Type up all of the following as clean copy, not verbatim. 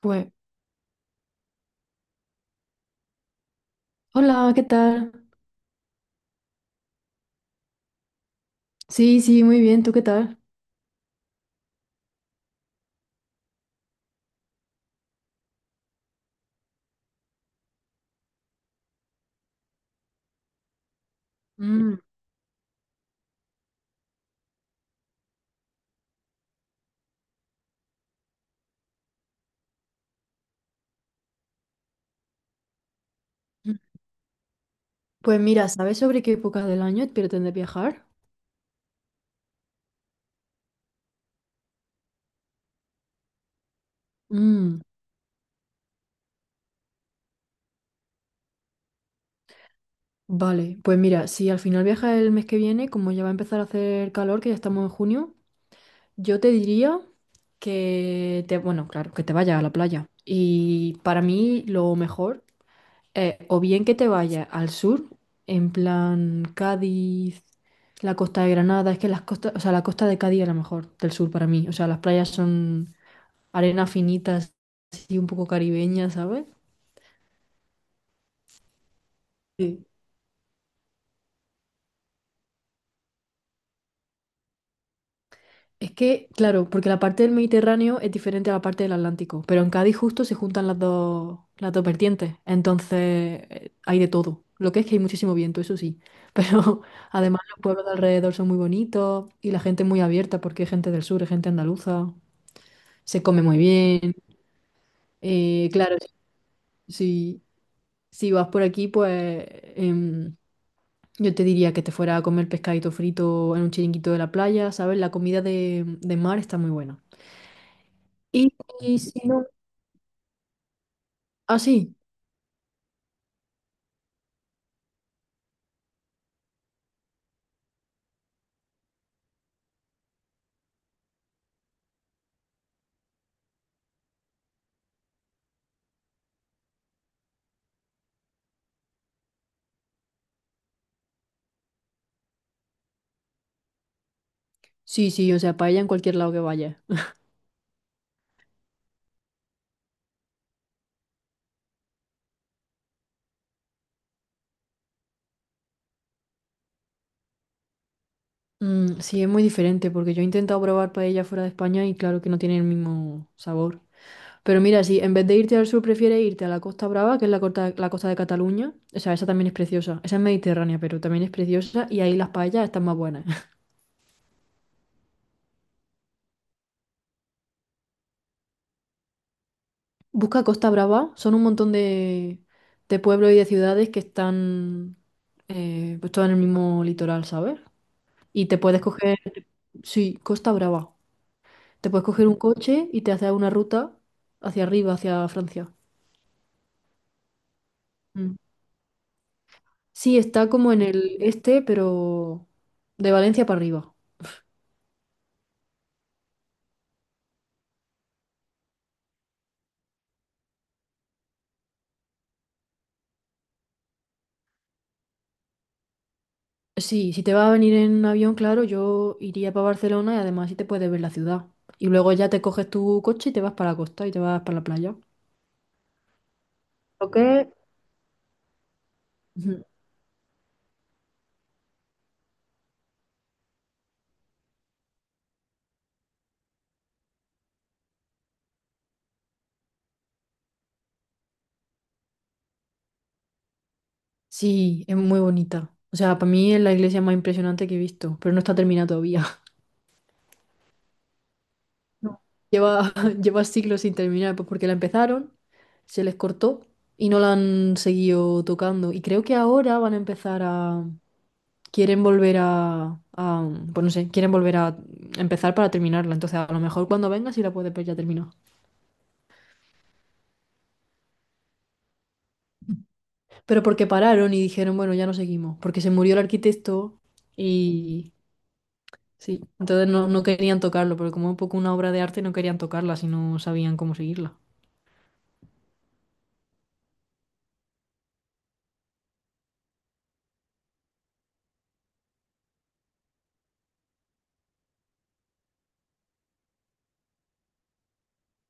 Pues, hola, ¿qué tal? Sí, sí, muy bien, ¿tú qué tal? Mm. Pues mira, ¿sabes sobre qué época del año pretendes viajar? Mm. Vale, pues mira, si al final viajas el mes que viene, como ya va a empezar a hacer calor, que ya estamos en junio, yo te diría bueno, claro, que te vayas a la playa. Y para mí lo mejor o bien que te vayas al sur, en plan Cádiz, la costa de Granada, es que las costas, o sea, la costa de Cádiz es la mejor del sur para mí. O sea, las playas son arena finitas, así un poco caribeña, ¿sabes? Sí. Es que, claro, porque la parte del Mediterráneo es diferente a la parte del Atlántico, pero en Cádiz justo se juntan las dos vertientes, entonces hay de todo. Lo que es que hay muchísimo viento, eso sí, pero además los pueblos de alrededor son muy bonitos y la gente es muy abierta porque es gente del sur, es gente andaluza, se come muy bien. Claro, si, si vas por aquí, pues em, yo te diría que te fuera a comer pescadito frito en un chiringuito de la playa, ¿sabes? La comida de mar está muy buena. Y, y si no. Ah, sí. Sí, sí, o sea, paella en cualquier lado que vayas. Mm, sí, es muy diferente porque yo he intentado probar paella fuera de España y claro que no tiene el mismo sabor. Pero mira, si en vez de irte al sur prefieres irte a la Costa Brava, que es la costa de Cataluña, o sea, esa también es preciosa. Esa es mediterránea, pero también es preciosa y ahí las paellas están más buenas. Busca Costa Brava, son un montón de pueblos y de ciudades que están pues todas en el mismo litoral, ¿sabes? Y te puedes coger, sí, Costa Brava. Te puedes coger un coche y te haces una ruta hacia arriba, hacia Francia. Mm. Sí, está como en el este, pero de Valencia para arriba. Sí, si te va a venir en avión, claro, yo iría para Barcelona y además sí te puedes ver la ciudad. Y luego ya te coges tu coche y te vas para la costa y te vas para la playa. Ok. Ujú. Sí, es muy bonita. O sea, para mí es la iglesia más impresionante que he visto, pero no está terminada todavía. No. Lleva, lleva siglos sin terminar, pues porque la empezaron, se les cortó y no la han seguido tocando. Y creo que ahora van a empezar a, quieren volver a, pues no sé, quieren volver a empezar para terminarla. Entonces, a lo mejor cuando venga sí la puedes ver ya terminada. Pero porque pararon y dijeron, bueno, ya no seguimos, porque se murió el arquitecto y sí, entonces no, no querían tocarlo, porque como es un poco una obra de arte no querían tocarla si no sabían cómo seguirla.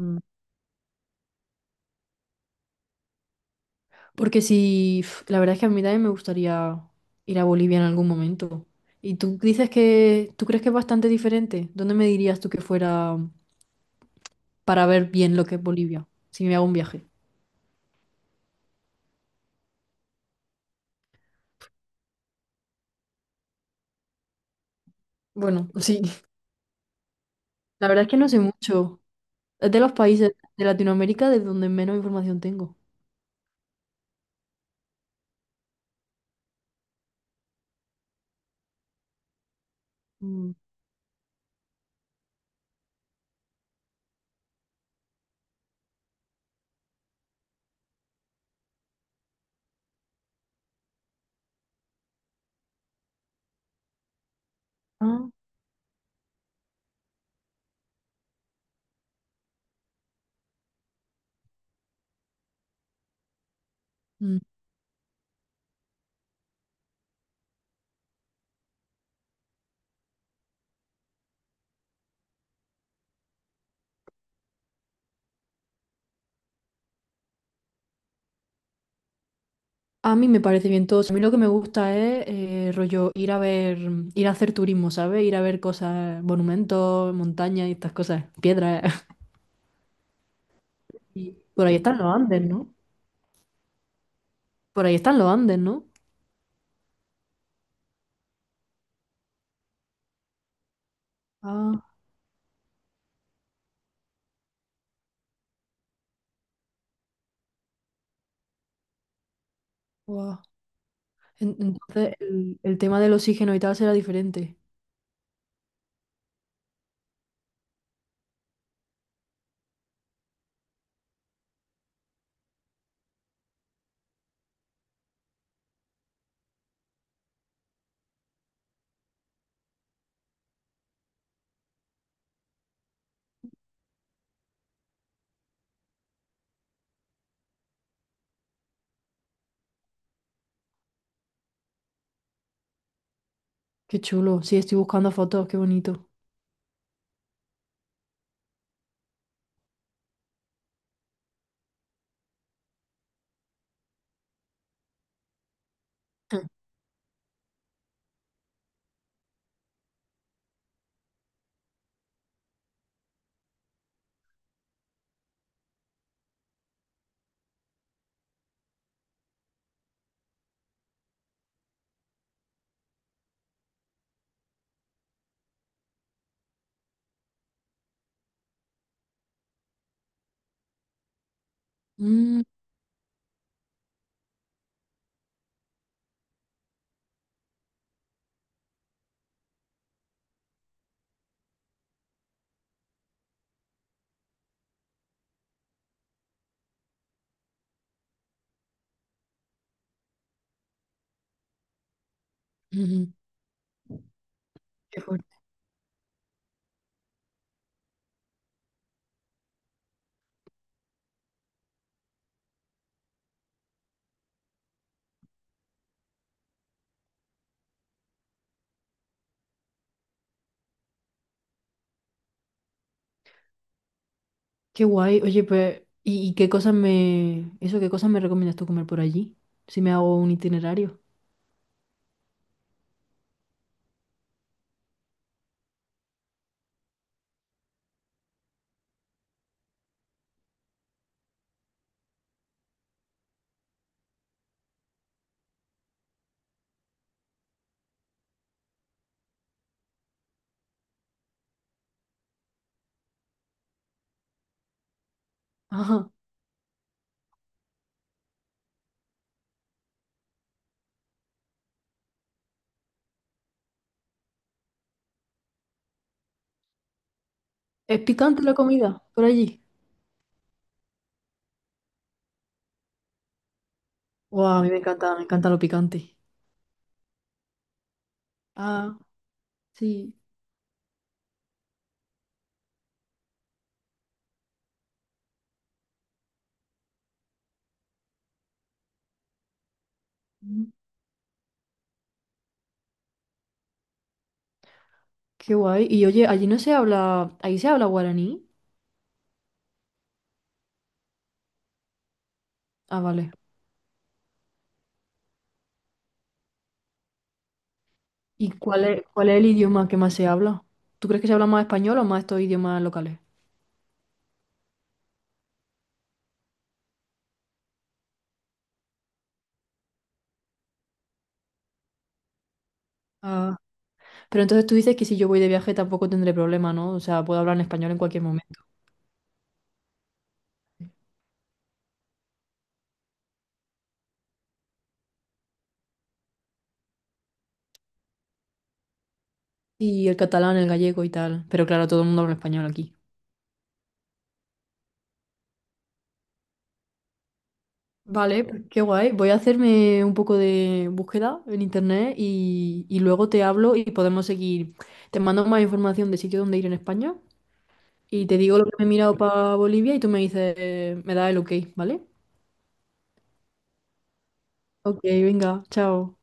Mm. Porque si La verdad es que a mí también me gustaría ir a Bolivia en algún momento. ¿Tú crees que es bastante diferente? ¿Dónde me dirías tú que fuera para ver bien lo que es Bolivia, si me hago un viaje? Bueno, sí, la verdad es que no sé mucho. Es de los países de Latinoamérica de donde menos información tengo. Mm. Ah. Mm. A mí me parece bien todo. A mí lo que me gusta es rollo ir a hacer turismo, ¿sabes? Ir a ver cosas, monumentos, montañas y estas cosas, piedras. Y por ahí están los Andes, ¿no? Por ahí están los Andes, ¿no? Ah, guau. Entonces el tema del oxígeno y tal será diferente. Qué chulo. Sí, estoy buscando fotos, qué bonito. Mm, ujú. Qué fuerte. Qué guay. Oye, pues, ¿Qué cosas me recomiendas tú comer por allí? Si me hago un itinerario. Ajá. ¿Es picante la comida por allí? Guau, a mí me encanta lo picante. Ah, sí. Mm. Qué guay. Y oye, allí no se habla... ¿ahí se habla guaraní? Ah, vale. ¿Y cuál es el idioma que más se habla? ¿Tú crees que se habla más español o más estos idiomas locales? Pero entonces tú dices que si yo voy de viaje tampoco tendré problema, ¿no? O sea, puedo hablar en español en cualquier momento. Y el catalán, el gallego y tal. Pero claro, todo el mundo habla español aquí. Vale, pues qué guay. Voy a hacerme un poco de búsqueda en internet y luego te hablo y podemos seguir. Te mando más información de sitio donde ir en España y te digo lo que me he mirado para Bolivia y tú me dices, me das el ok, ¿vale? Ok, venga, chao.